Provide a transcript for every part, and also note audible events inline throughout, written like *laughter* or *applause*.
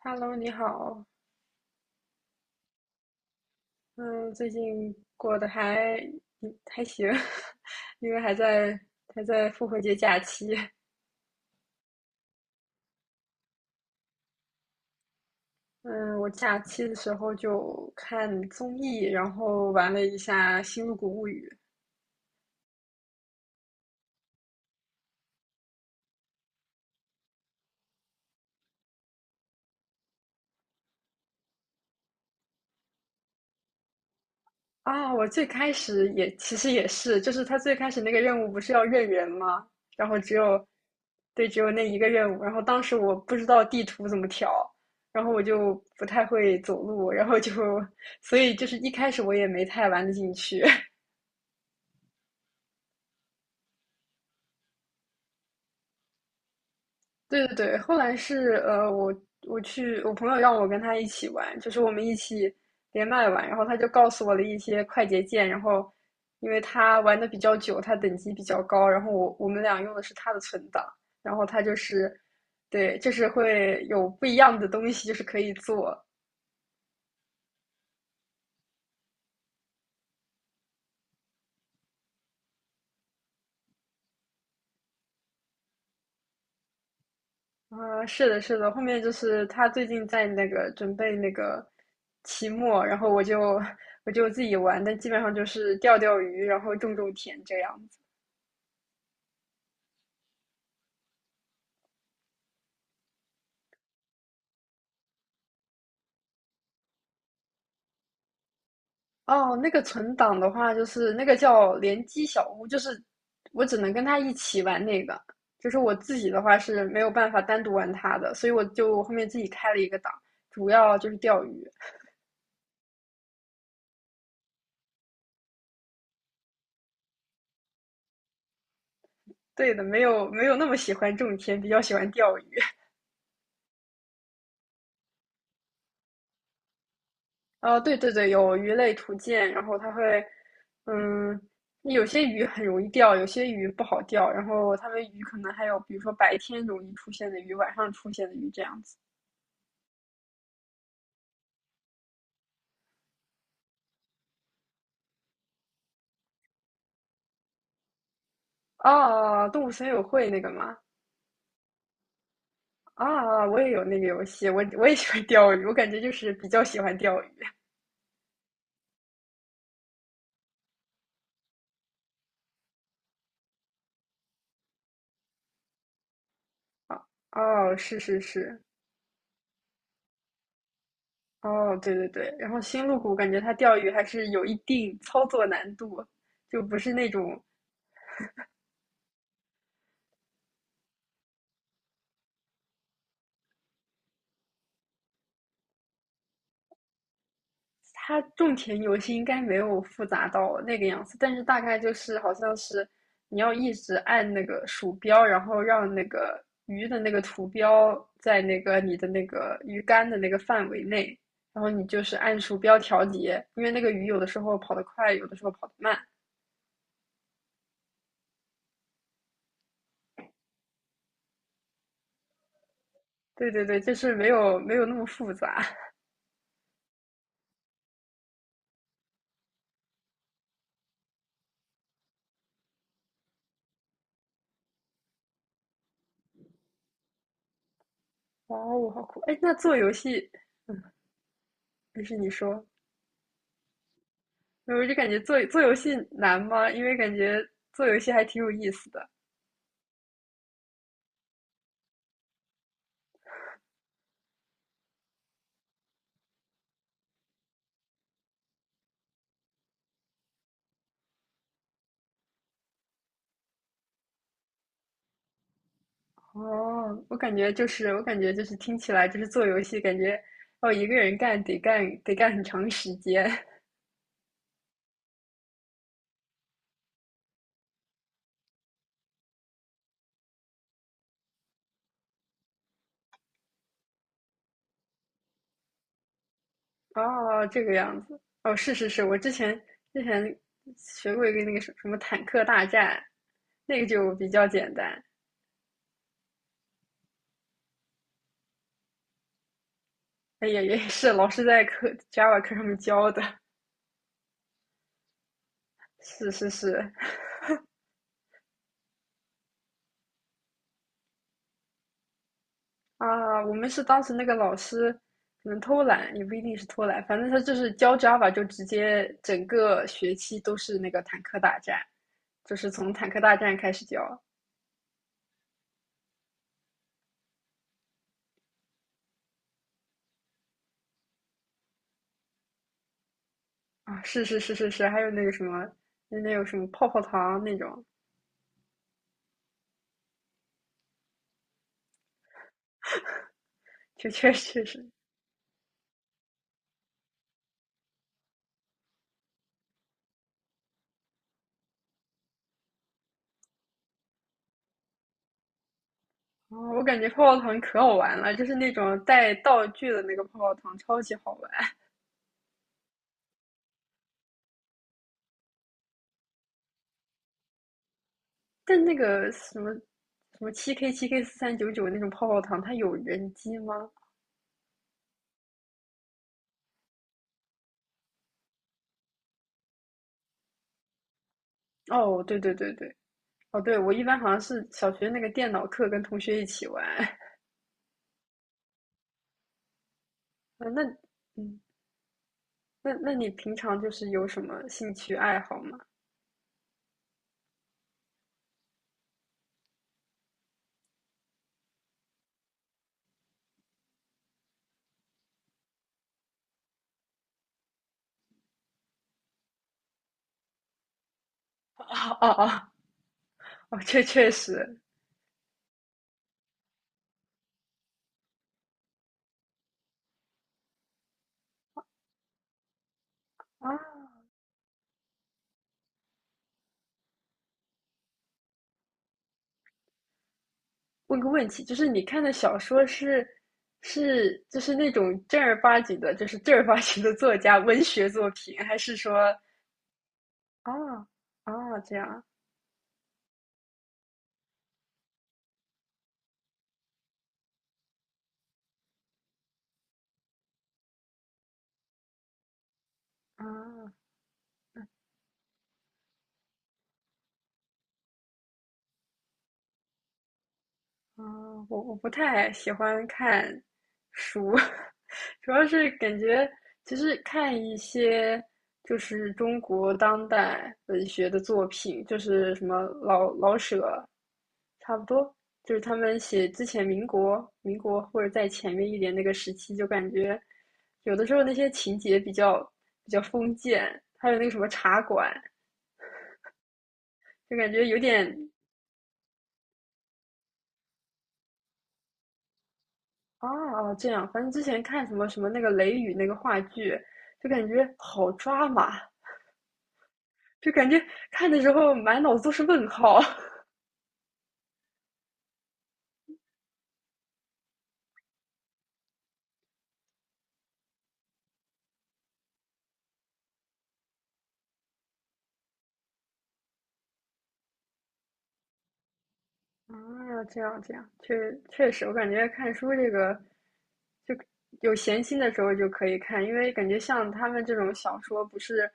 Hello，你好，嗯，最近过得还行，*laughs* 因为还在复活节假期。嗯，我假期的时候就看综艺，然后玩了一下《星露谷物语》。啊，我最开始也其实也是，就是他最开始那个任务不是要认人吗？然后对，只有那一个任务。然后当时我不知道地图怎么调，然后我就不太会走路，然后就，*laughs* 所以就是一开始我也没太玩得进去。对对对，后来是我朋友让我跟他一起玩，就是我们一起连麦玩，然后他就告诉我了一些快捷键，然后因为他玩的比较久，他等级比较高，然后我们俩用的是他的存档，然后他就是对，就是会有不一样的东西，就是可以做。啊、是的，是的，后面就是他最近在那个准备那个期末，然后我就自己玩，但基本上就是钓钓鱼，然后种种田这样子。哦，那个存档的话，就是那个叫联机小屋，就是我只能跟他一起玩那个，就是我自己的话是没有办法单独玩他的，所以我就后面自己开了一个档，主要就是钓鱼。对的，没有那么喜欢种田，比较喜欢钓鱼。哦，对对对，有鱼类图鉴，然后它会，嗯，有些鱼很容易钓，有些鱼不好钓，然后它们鱼可能还有，比如说白天容易出现的鱼，晚上出现的鱼这样子。哦，哦哦动物森友会那个吗？啊，我也有那个游戏，我也喜欢钓鱼，我感觉就是比较喜欢钓鱼啊。哦，是是是，哦，对对对。然后星露谷感觉它钓鱼还是有一定操作难度，就不是那种，它种田游戏应该没有复杂到那个样子，但是大概就是好像是你要一直按那个鼠标，然后让那个鱼的那个图标在那个你的那个鱼竿的那个范围内，然后你就是按鼠标调节，因为那个鱼有的时候跑得快，有的时候跑得慢。对对对，就是没有那么复杂。哇哦，好酷！哎，那做游戏，没，是你说。我就感觉做做游戏难吗？因为感觉做游戏还挺有意思的。哦，我感觉就是，我感觉就是听起来就是做游戏，感觉哦一个人干很长时间。*laughs* 哦，这个样子。哦，是是是，我之前学过一个那个什么坦克大战，那个就比较简单。哎呀，也是老师在课 Java 课上面教的。是是是，啊，我们是当时那个老师可能偷懒，也不一定是偷懒，反正他就是教 Java 就直接整个学期都是那个坦克大战，就是从坦克大战开始教。啊，是是是是是，还有那个什么，那有什么泡泡糖那种，确确实实。哦，我感觉泡泡糖可好玩了，就是那种带道具的那个泡泡糖，超级好玩。*laughs* 但那个什么什么7K7K 4399那种泡泡糖，它有人机吗？哦，对对对对，哦，对，我一般好像是小学那个电脑课跟同学一起玩。*laughs* 呃那，嗯，那那你平常就是有什么兴趣爱好吗？*laughs* 哦哦哦，哦，这确实啊。问个问题，就是你看的小说是就是那种正儿八经的，就是正儿八经的作家文学作品，还是说啊？啊这样啊？嗯，我不太喜欢看书。*laughs* 主要是感觉其实看一些就是中国当代文学的作品，就是什么老老舍，差不多，就是他们写之前民国、民国或者在前面一点那个时期，就感觉有的时候那些情节比较封建，还有那个什么茶馆，就感觉有点。哦哦，这样，反正之前看什么什么那个《雷雨》那个话剧，就感觉好抓马，就感觉看的时候满脑子都是问号。*laughs* 啊，这样这样，确确实，我感觉看书这个，就有闲心的时候就可以看，因为感觉像他们这种小说，不是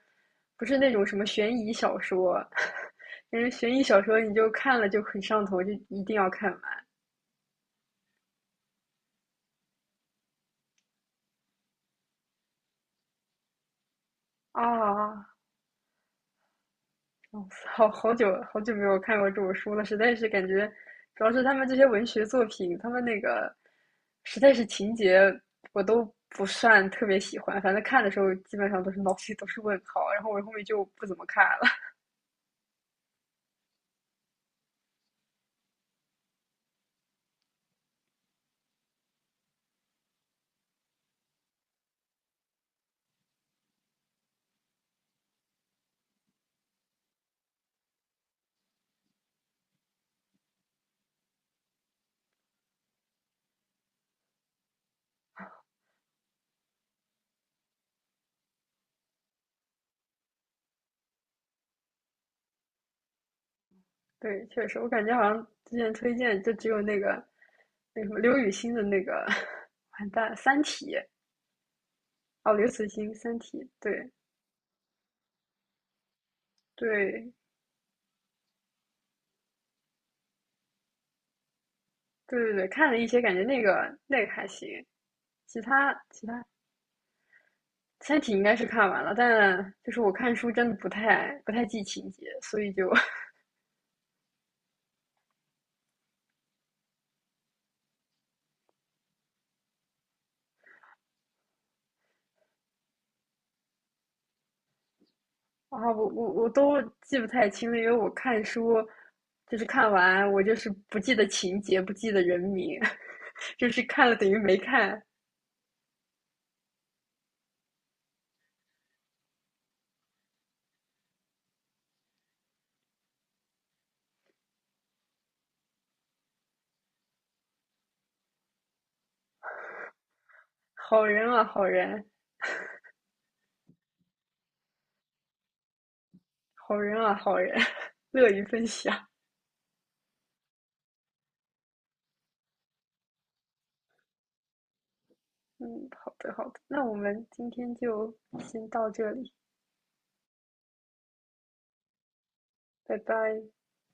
不是那种什么悬疑小说。*laughs* 因为悬疑小说你就看了就很上头，就一定要看完。啊，哦，好好久好久没有看过这种书了，实在是感觉，主要是他们这些文学作品，他们那个实在是情节我都不算特别喜欢，反正看的时候基本上都是脑子里都是问号，然后我后面就不怎么看了。*laughs* 对，确实，我感觉好像之前推荐就只有那个那什么刘雨欣的那个 *laughs* 完蛋《三体》。哦，刘慈欣《三体》对对对对对，看了一些，感觉那个那个还行。其他三体应该是看完了，但就是我看书真的不太记情节，所以就啊，我都记不太清了，因为我看书就是看完，我就是不记得情节，不记得人名。*laughs* 就是看了等于没看。好人啊，好人，好人啊，好人。*laughs* 乐于分享。嗯，好的好的，那我们今天就先到这里，拜拜。